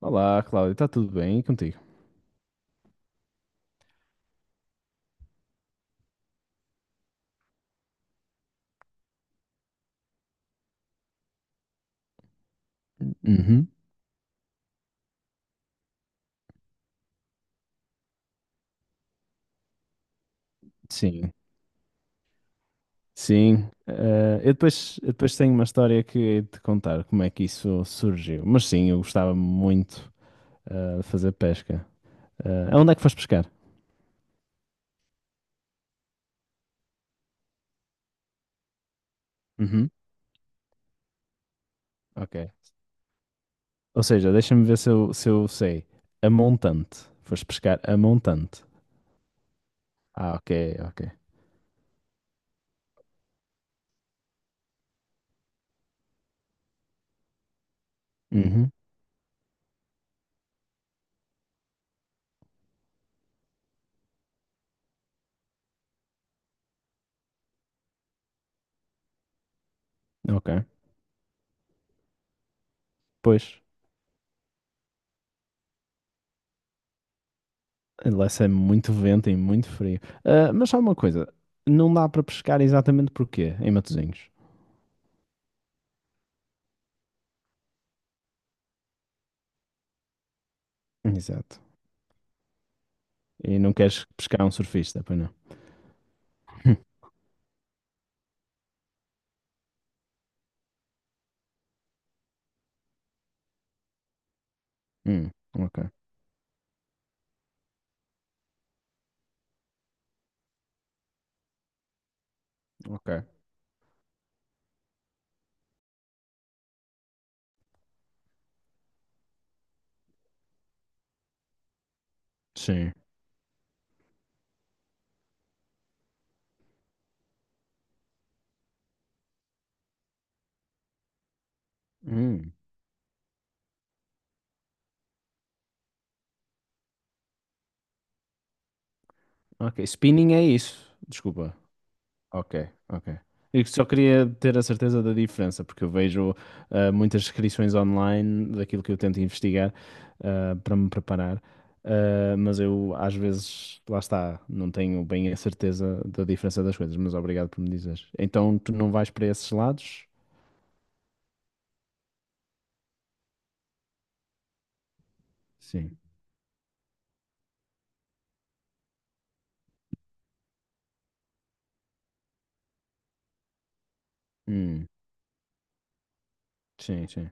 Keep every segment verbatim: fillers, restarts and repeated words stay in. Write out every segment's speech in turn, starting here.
Olá, Cláudio, está tudo bem? E contigo? Uhum. Sim, sim. Eh, eu depois, eu depois tenho uma história que hei de te contar como é que isso surgiu. Mas sim, eu gostava muito eh, de fazer pesca. Eh, aonde é que foste pescar? Uhum. Ok. Ou seja, deixa-me ver se eu, se eu sei. A montante. Foste pescar a montante. Ah, ok, ok. Uhum, ok. Pois, lá é muito vento e muito frio. Ah, mas só uma coisa, não dá para pescar exatamente porquê em Matosinhos? Exato. E não queres pescar um surfista, pois não? Hum, ok. Ok. Sim. Hum, ok. Spinning é isso. Desculpa. Ok, ok. Eu só queria ter a certeza da diferença, porque eu vejo ah, muitas descrições online daquilo que eu tento investigar ah, para me preparar. Ah, mas eu às vezes, lá está, não tenho bem a certeza da diferença das coisas, mas obrigado por me dizeres. Então tu não vais para esses lados? Sim. Hum, sim, sim.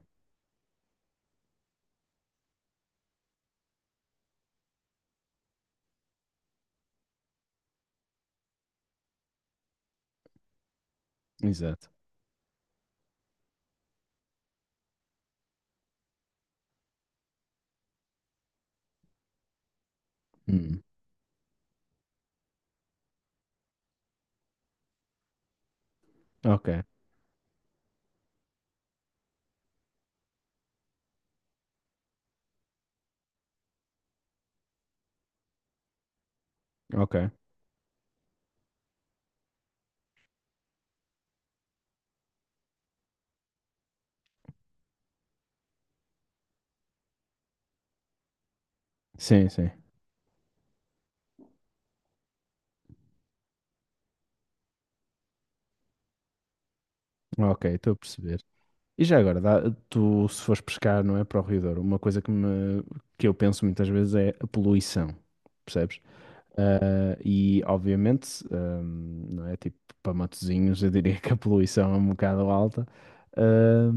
Exato. Hum, ok, ok. Sim, sim. Ok, estou a perceber. E já agora, dá- tu se fores pescar, não é, para o Rio Douro, uma coisa que, me, que eu penso muitas vezes é a poluição, percebes? Ah, e obviamente, ah, não é, tipo, para Matosinhos eu diria que a poluição é um bocado alta, ah,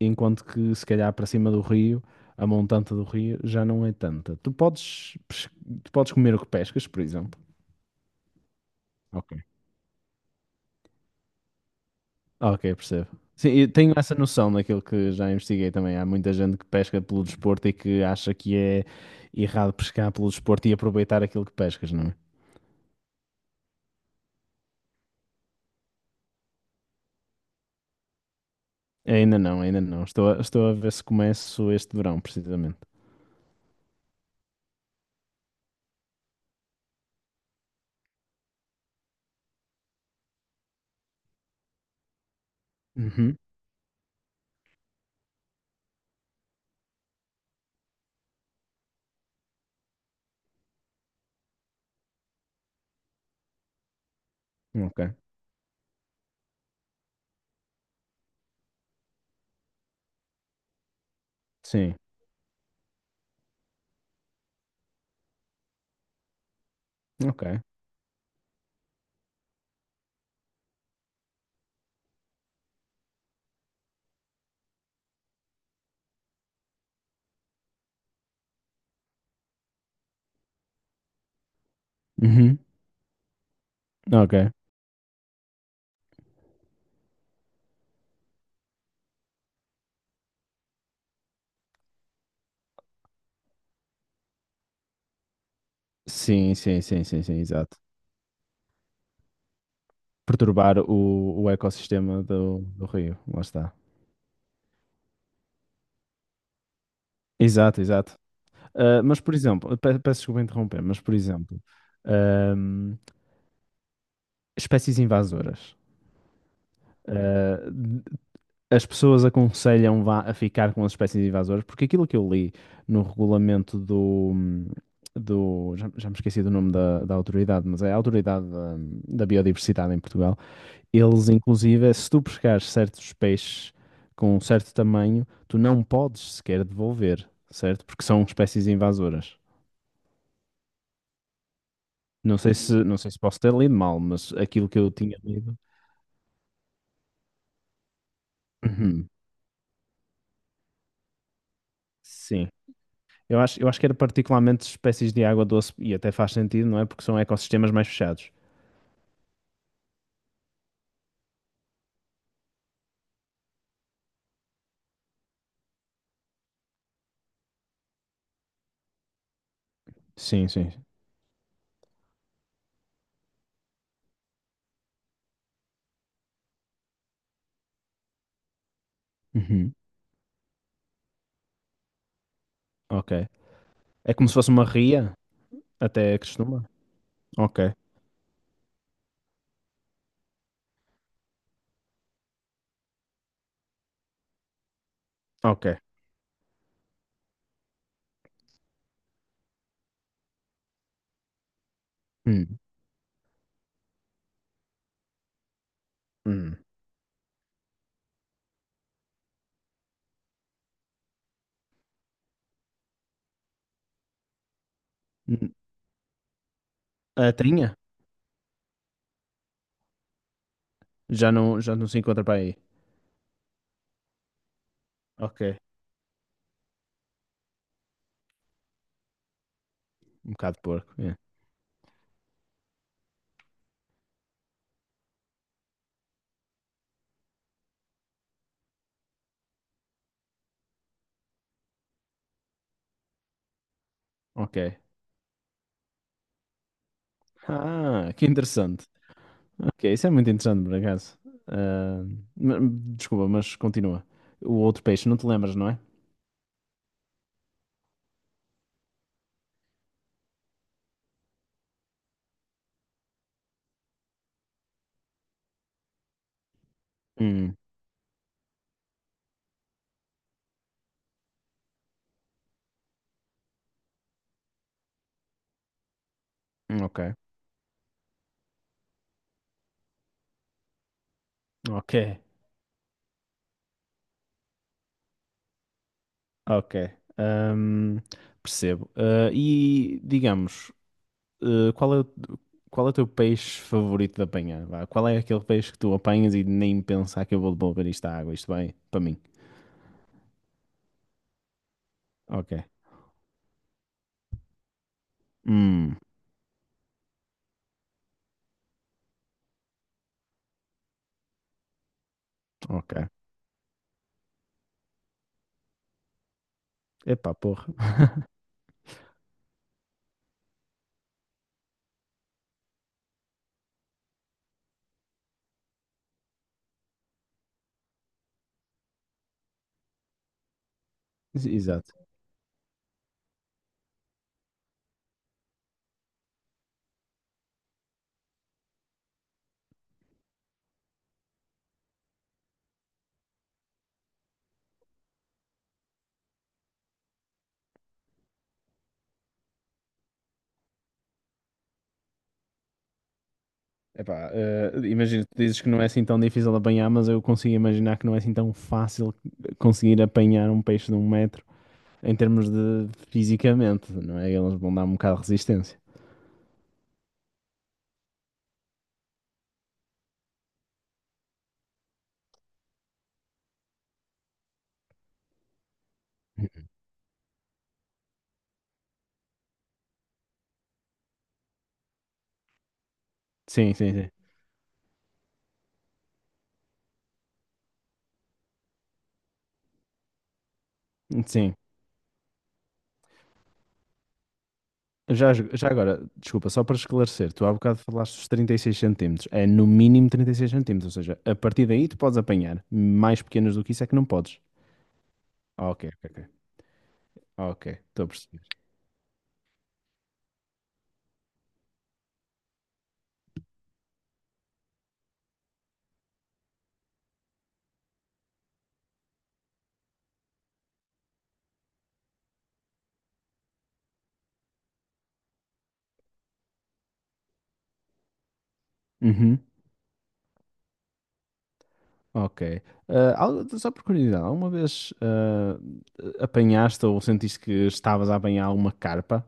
enquanto que se calhar para cima do rio, a montante do rio já não é tanta. Tu podes, pes- tu podes comer o que pescas, por exemplo. Ok? Ah, ok, percebo. Sim, eu tenho essa noção daquilo que já investiguei também. Há muita gente que pesca pelo desporto e que acha que é errado pescar pelo desporto e aproveitar aquilo que pescas, não é? Ainda não, ainda não. Estou a, estou a ver se começo este verão, precisamente. Uhum. Ok. Sim. Ok. Uhum. Ok. Sim, sim, sim, sim, sim, exato. Perturbar o, o ecossistema do, do rio. Lá está. Exato, exato. Ah, mas, por exemplo, pe- peço desculpa interromper, mas, por exemplo, ahm, espécies invasoras. Ah, as pessoas aconselham vá a ficar com as espécies invasoras, porque aquilo que eu li no regulamento do, do já, já me esqueci do nome da, da autoridade, mas é a autoridade da, da biodiversidade em Portugal. Eles, inclusive, é se tu pescares certos peixes com um certo tamanho, tu não podes sequer devolver, certo? Porque são espécies invasoras. Não sei se, não sei se posso ter lido mal, mas aquilo que eu tinha lido. Uhum. Sim. Eu acho, eu acho que era particularmente espécies de água doce e até faz sentido, não é? Porque são ecossistemas mais fechados. Sim, sim. Uhum. Ok. É como se fosse uma ria, até costuma. Ok, ok. Hum, hum. Hum. A tainha? Já não, já não se encontra para aí. Ok. Um bocado de porco. É. Ok. Ah, que interessante. Ok, isso é muito interessante, por acaso. Ah, ma- desculpa, mas continua. O outro peixe, não te lembras, não é? Hum, hum, ok. Ok, ok. Ahm, percebo. Ah, e digamos, ah, qual é o, qual é o teu peixe favorito de apanhar, vá? Qual é aquele peixe que tu apanhas e nem pensar que eu vou devolver isto à água? Isto bem? Para mim. Ok. Hum, ok. Epá, porra. Ex- Exato. Epá, ah, imagina, tu dizes que não é assim tão difícil de apanhar, mas eu consigo imaginar que não é assim tão fácil conseguir apanhar um peixe de um metro em termos de fisicamente, não é? Eles vão dar um bocado de resistência. Sim, sim, sim. Sim. Já, já agora, desculpa, só para esclarecer, tu há bocado falaste dos trinta e seis centímetros. É no mínimo trinta e seis centímetros, ou seja, a partir daí tu podes apanhar. Mais pequenas do que isso é que não podes. Ah, ok, ok, ok. Ok, estou a perceber. Uhum, ok. Ah, al- só por curiosidade, alguma vez ah, apanhaste ou sentiste que estavas a apanhar alguma carpa?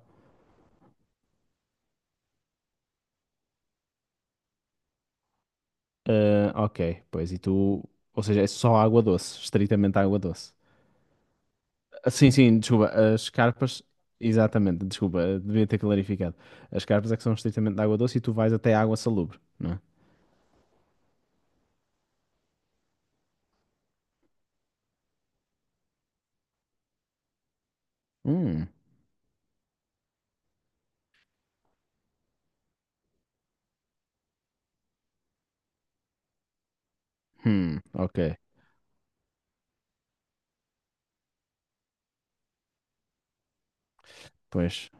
Ah, ok, pois e tu, ou seja, é só água doce, estritamente água doce. Ah, sim, sim, desculpa, as carpas, exatamente, desculpa, devia ter clarificado. As carpas é que são estritamente de água doce e tu vais até água salubre, não é? Hum, hum, ok, pois,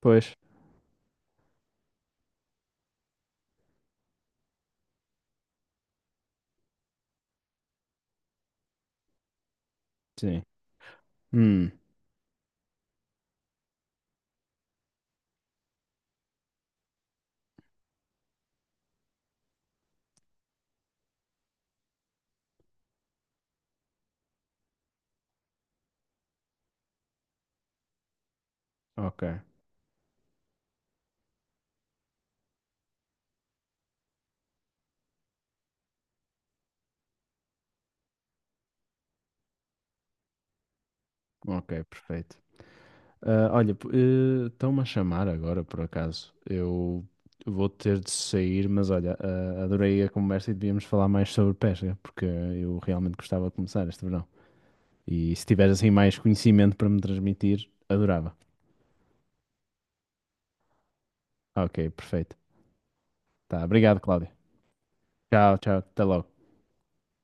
pois, sim, hum, ok, ok, perfeito. Ah, olha, p- eh, estão-me a chamar agora, por acaso. Eu vou ter de sair, mas olha, ah, adorei a conversa e devíamos falar mais sobre pesca, porque eu realmente gostava de começar este verão. E se tiveres assim mais conhecimento para me transmitir, adorava. Ok, perfeito. Tá, obrigado, Cláudio. Tchau, tchau, até logo.